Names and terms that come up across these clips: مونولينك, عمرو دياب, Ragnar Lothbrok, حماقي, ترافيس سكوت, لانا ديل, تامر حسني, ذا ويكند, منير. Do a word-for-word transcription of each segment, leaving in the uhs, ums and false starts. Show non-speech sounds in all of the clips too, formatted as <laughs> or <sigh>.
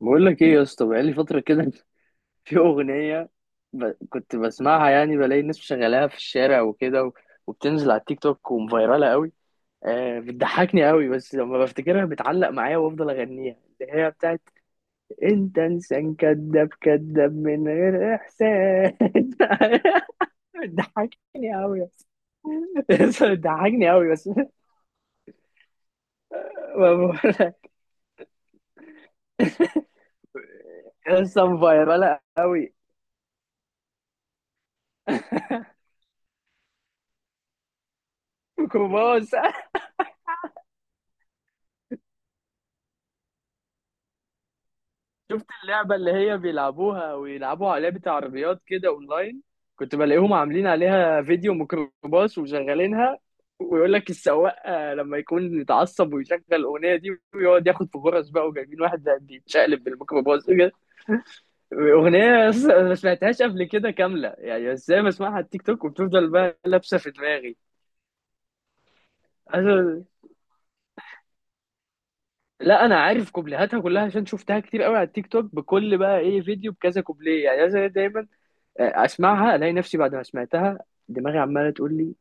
بقول لك ايه يا اسطى؟ بقالي فتره كده. <laughs> في اغنيه ب... كنت بسمعها، يعني بلاقي الناس شغالاها في الشارع وكده، و... وبتنزل على التيك توك ومفيراله قوي. آه بتضحكني قوي، بس لما بفتكرها بتعلق معايا وافضل اغنيها، اللي هي بتاعت: انت انسان كذاب كذاب من غير احساس. <laughs> بتضحكني قوي يا اسطى. <laughs> بتضحكني قوي بس. <laughs> بقول لك يا اسطى مفيراله قوي. كوماس. شفت اللعبة اللي هي بيلعبوها ويلعبوا عليها، بتاع عربيات كده اونلاين؟ كنت بلاقيهم عاملين عليها فيديو ميكروباص وشغالينها، ويقول لك السواق آه، لما يكون متعصب ويشغل الأغنية دي ويقعد ياخد في غرز بقى، وجايبين واحد بقى بيتشقلب بالميكروباص كده. أغنية، بس أنا ما سمعتهاش قبل كده كاملة، يعني ازاي بسمعها على التيك توك وبتفضل بقى لابسة في دماغي. أنا- لا انا عارف كوبليهاتها كلها، عشان شفتها كتير قوي على التيك توك، بكل بقى ايه فيديو بكذا كوبليه. يعني مثلا دايما اسمعها الاقي نفسي بعد ما سمعتها دماغي عماله تقول لي: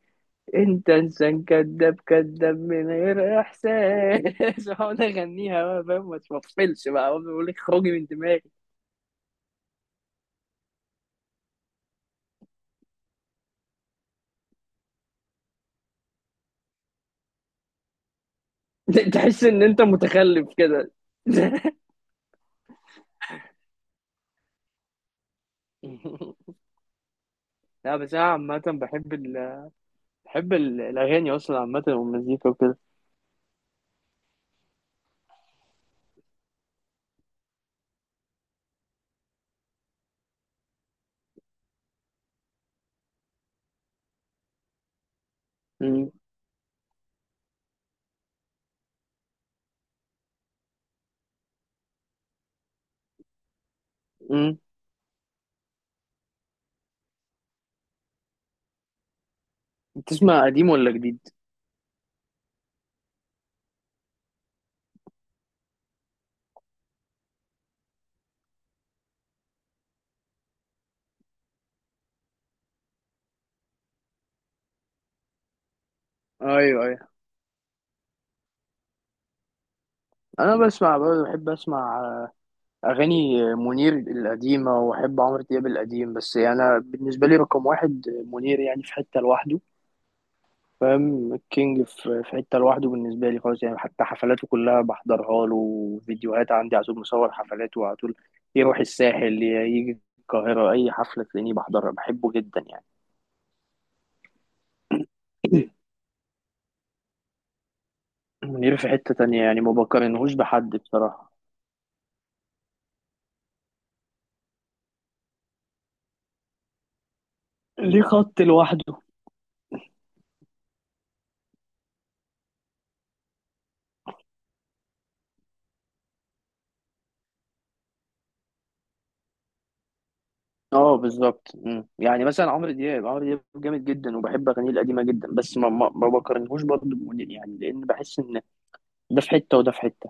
انت انسان كذاب كذاب من غير احساس. <laughs> واقعد اغنيها بقى، فاهم، ما تفصلش بقى، أقعد اقول لك خرجي من دماغي. <laughs> تحس ان انت متخلف كده. <laughs> لا، بس انا عامة بحب ال... بحب ال- الاغاني اصلا عامة، والمزيكا وكده. أمم. أمم. بتسمع قديم ولا جديد؟ ايوه ايوه، انا بسمع برضه، بحب اسمع أغاني منير القديمة، وأحب عمرو دياب القديم، بس يعني أنا بالنسبة لي رقم واحد منير، يعني في حتة لوحده. فاهم، الكينج في في حتة لوحده بالنسبة لي خالص، يعني حتى حفلاته كلها بحضرها له، فيديوهات عندي على طول، مصور حفلاته على طول، يروح الساحل يجي القاهرة، أي حفلة تلاقيني بحضرها، بحبه جدا يعني. <clears throat> منير في حتة تانية يعني، ما بقارنهوش بحد بصراحة، ليه خط لوحده. اه بالظبط. مم. يعني مثلا عمرو دياب، عمرو دياب جامد جدا، وبحب اغانيه القديمه جدا، بس ما ما ما بقارنهوش برضه بمنير، يعني لان بحس ان ده في حته وده في حته.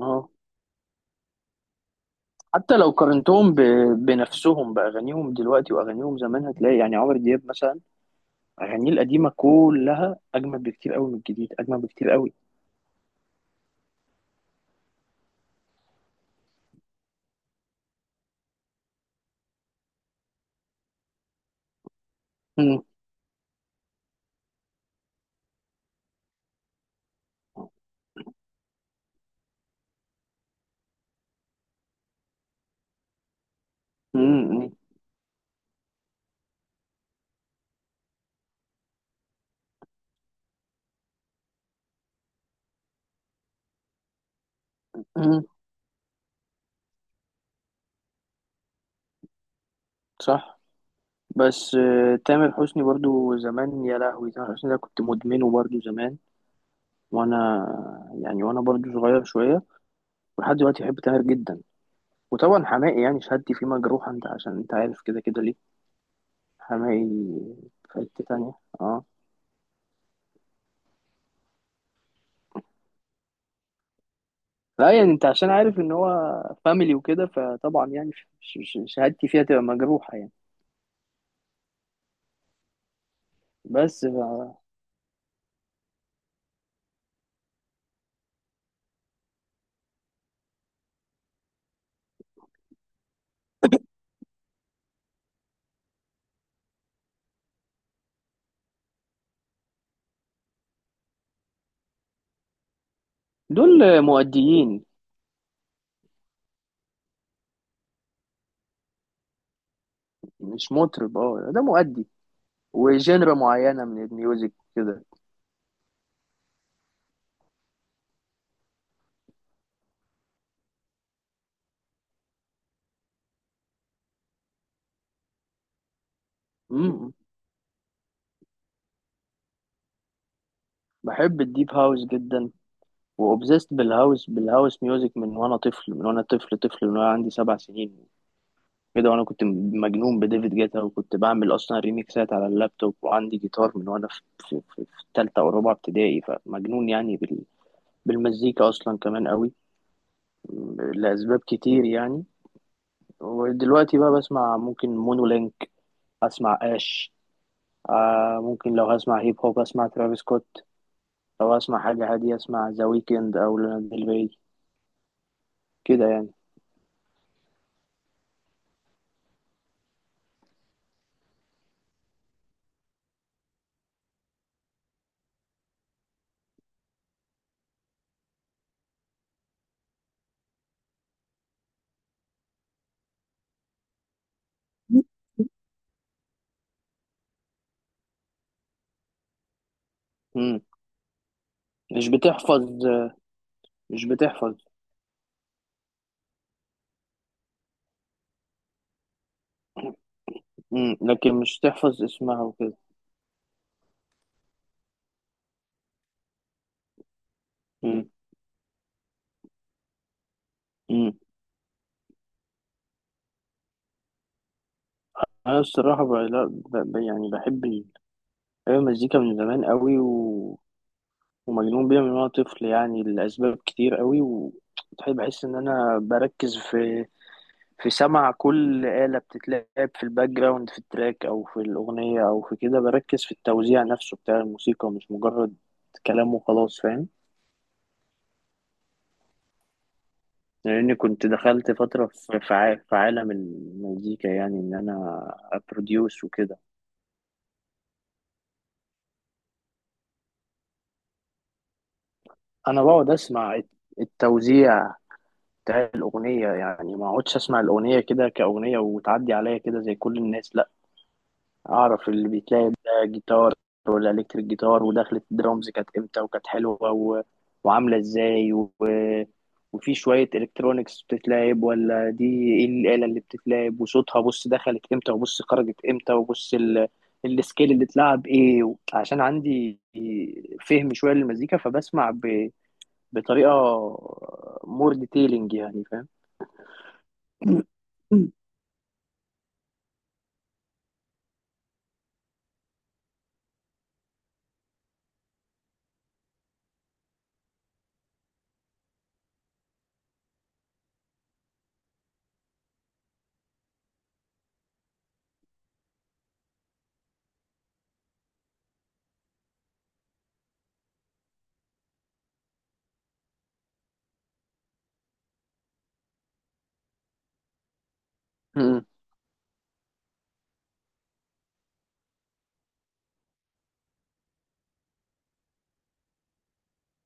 اه، حتى لو قارنتهم ب... بنفسهم، باغانيهم دلوقتي واغانيهم زمان، هتلاقي يعني عمرو دياب مثلا اغانيه القديمه كلها اجمل بكتير قوي من الجديد، اجمل بكتير قوي. مم. مم. مم. صح. بس آه، تامر حسني برضو زمان، يا لهوي، تامر حسني ده كنت مدمنه برضو زمان، وانا يعني وانا برضو صغير شويه، ولحد دلوقتي بحب تاهر جدا. وطبعا حماقي، يعني شهادتي فيه مجروحة، انت عشان انت عارف كده كده ليه. حماقي في حتة تانية. اه، لا يعني، انت عشان عارف ان هو فاميلي وكده، فطبعا يعني ش- ش- شهادتي فيها تبقى مجروحة يعني. بس ف- دول مؤديين، مش مطرب. اه ده مؤدي، وجنرا معينة من الميوزك كده. امم بحب الديب هاوس جدا، وأوبزيست بالهاوس بالهاوس ميوزك من وانا طفل من وانا طفل طفل من وانا عندي سبع سنين كده، وانا كنت مجنون بديفيد جيتا، وكنت بعمل اصلا ريميكسات على اللابتوب، وعندي جيتار من وانا في في في في تالتة او رابعة ابتدائي. فمجنون يعني بال بالمزيكا اصلا كمان قوي لاسباب كتير يعني. ودلوقتي بقى بسمع ممكن مونولينك، اسمع اش آه ممكن، لو هسمع هيب هوب اسمع ترافيس سكوت، لو اسمع حاجة هادية اسمع ذا ويكند او لانا ديل ري، كده يعني. مم. مش بتحفظ. مش بتحفظ. مم. لكن مش تحفظ اسمها وكده. مم. مم. انا الصراحه بقى لا، ب- ب- يعني بحب ال- بحب المزيكا من زمان قوي، و... ومجنون بيها من وانا طفل، يعني لاسباب كتير قوي. وبحب بحس ان انا بركز في في سمع كل آلة بتتلعب في الباك جراوند، في التراك او في الاغنيه او في كده، بركز في التوزيع نفسه بتاع الموسيقى، مش مجرد كلام وخلاص، فاهم. لاني كنت دخلت فتره في في ع- في عالم المزيكا، يعني ان انا ابروديوس وكده. انا بقعد اسمع التوزيع بتاع الأغنية، يعني ما أقعدش أسمع الأغنية كده كأغنية وتعدي عليا كده زي كل الناس. لأ، أعرف اللي بيتلعب ده جيتار ولا إلكتريك جيتار، ودخلة الدرامز كانت إمتى وكانت حلوة، و... وعاملة إزاي، و... وفي شوية إلكترونيكس بتتلعب ولا دي، إيه الآلة اللي بتتلعب وصوتها، بص دخلت إمتى وبص خرجت إمتى، وبص ال... السكيل اللي اتلعب إيه، و... عشان عندي فهم شوية للمزيكا، فبسمع ب... بطريقة مور ديتيلنج يعني، فاهم. مم.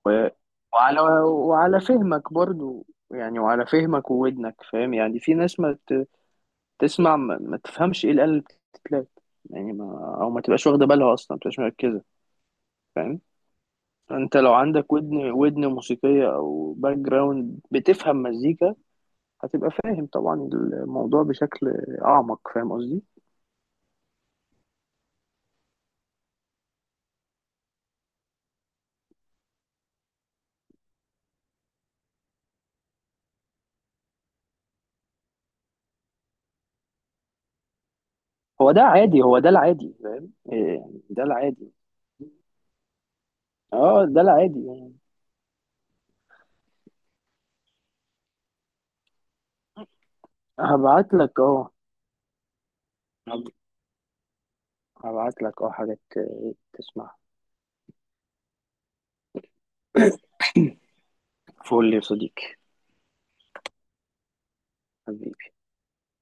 و- وعلى وعلى فهمك برضو، يعني وعلى فهمك وودنك، فاهم. يعني في ناس ما ت- تسمع، ما, ما تفهمش ايه الآلة اللي بتتلات، يعني ما او ما تبقاش واخده بالها اصلا، ما تبقاش مركزه، فاهم. انت لو عندك ودن، ودن موسيقيه او باك جراوند بتفهم مزيكا، هتبقى فاهم طبعا الموضوع بشكل اعمق، فاهم قصدي. هو ده عادي، هو ده العادي، فاهم إيه يعني، ده العادي. اه ده العادي يعني. هبعت لك اه، هبعت لك اه حاجات تسمعها. فول يا صديقي. حبيبي.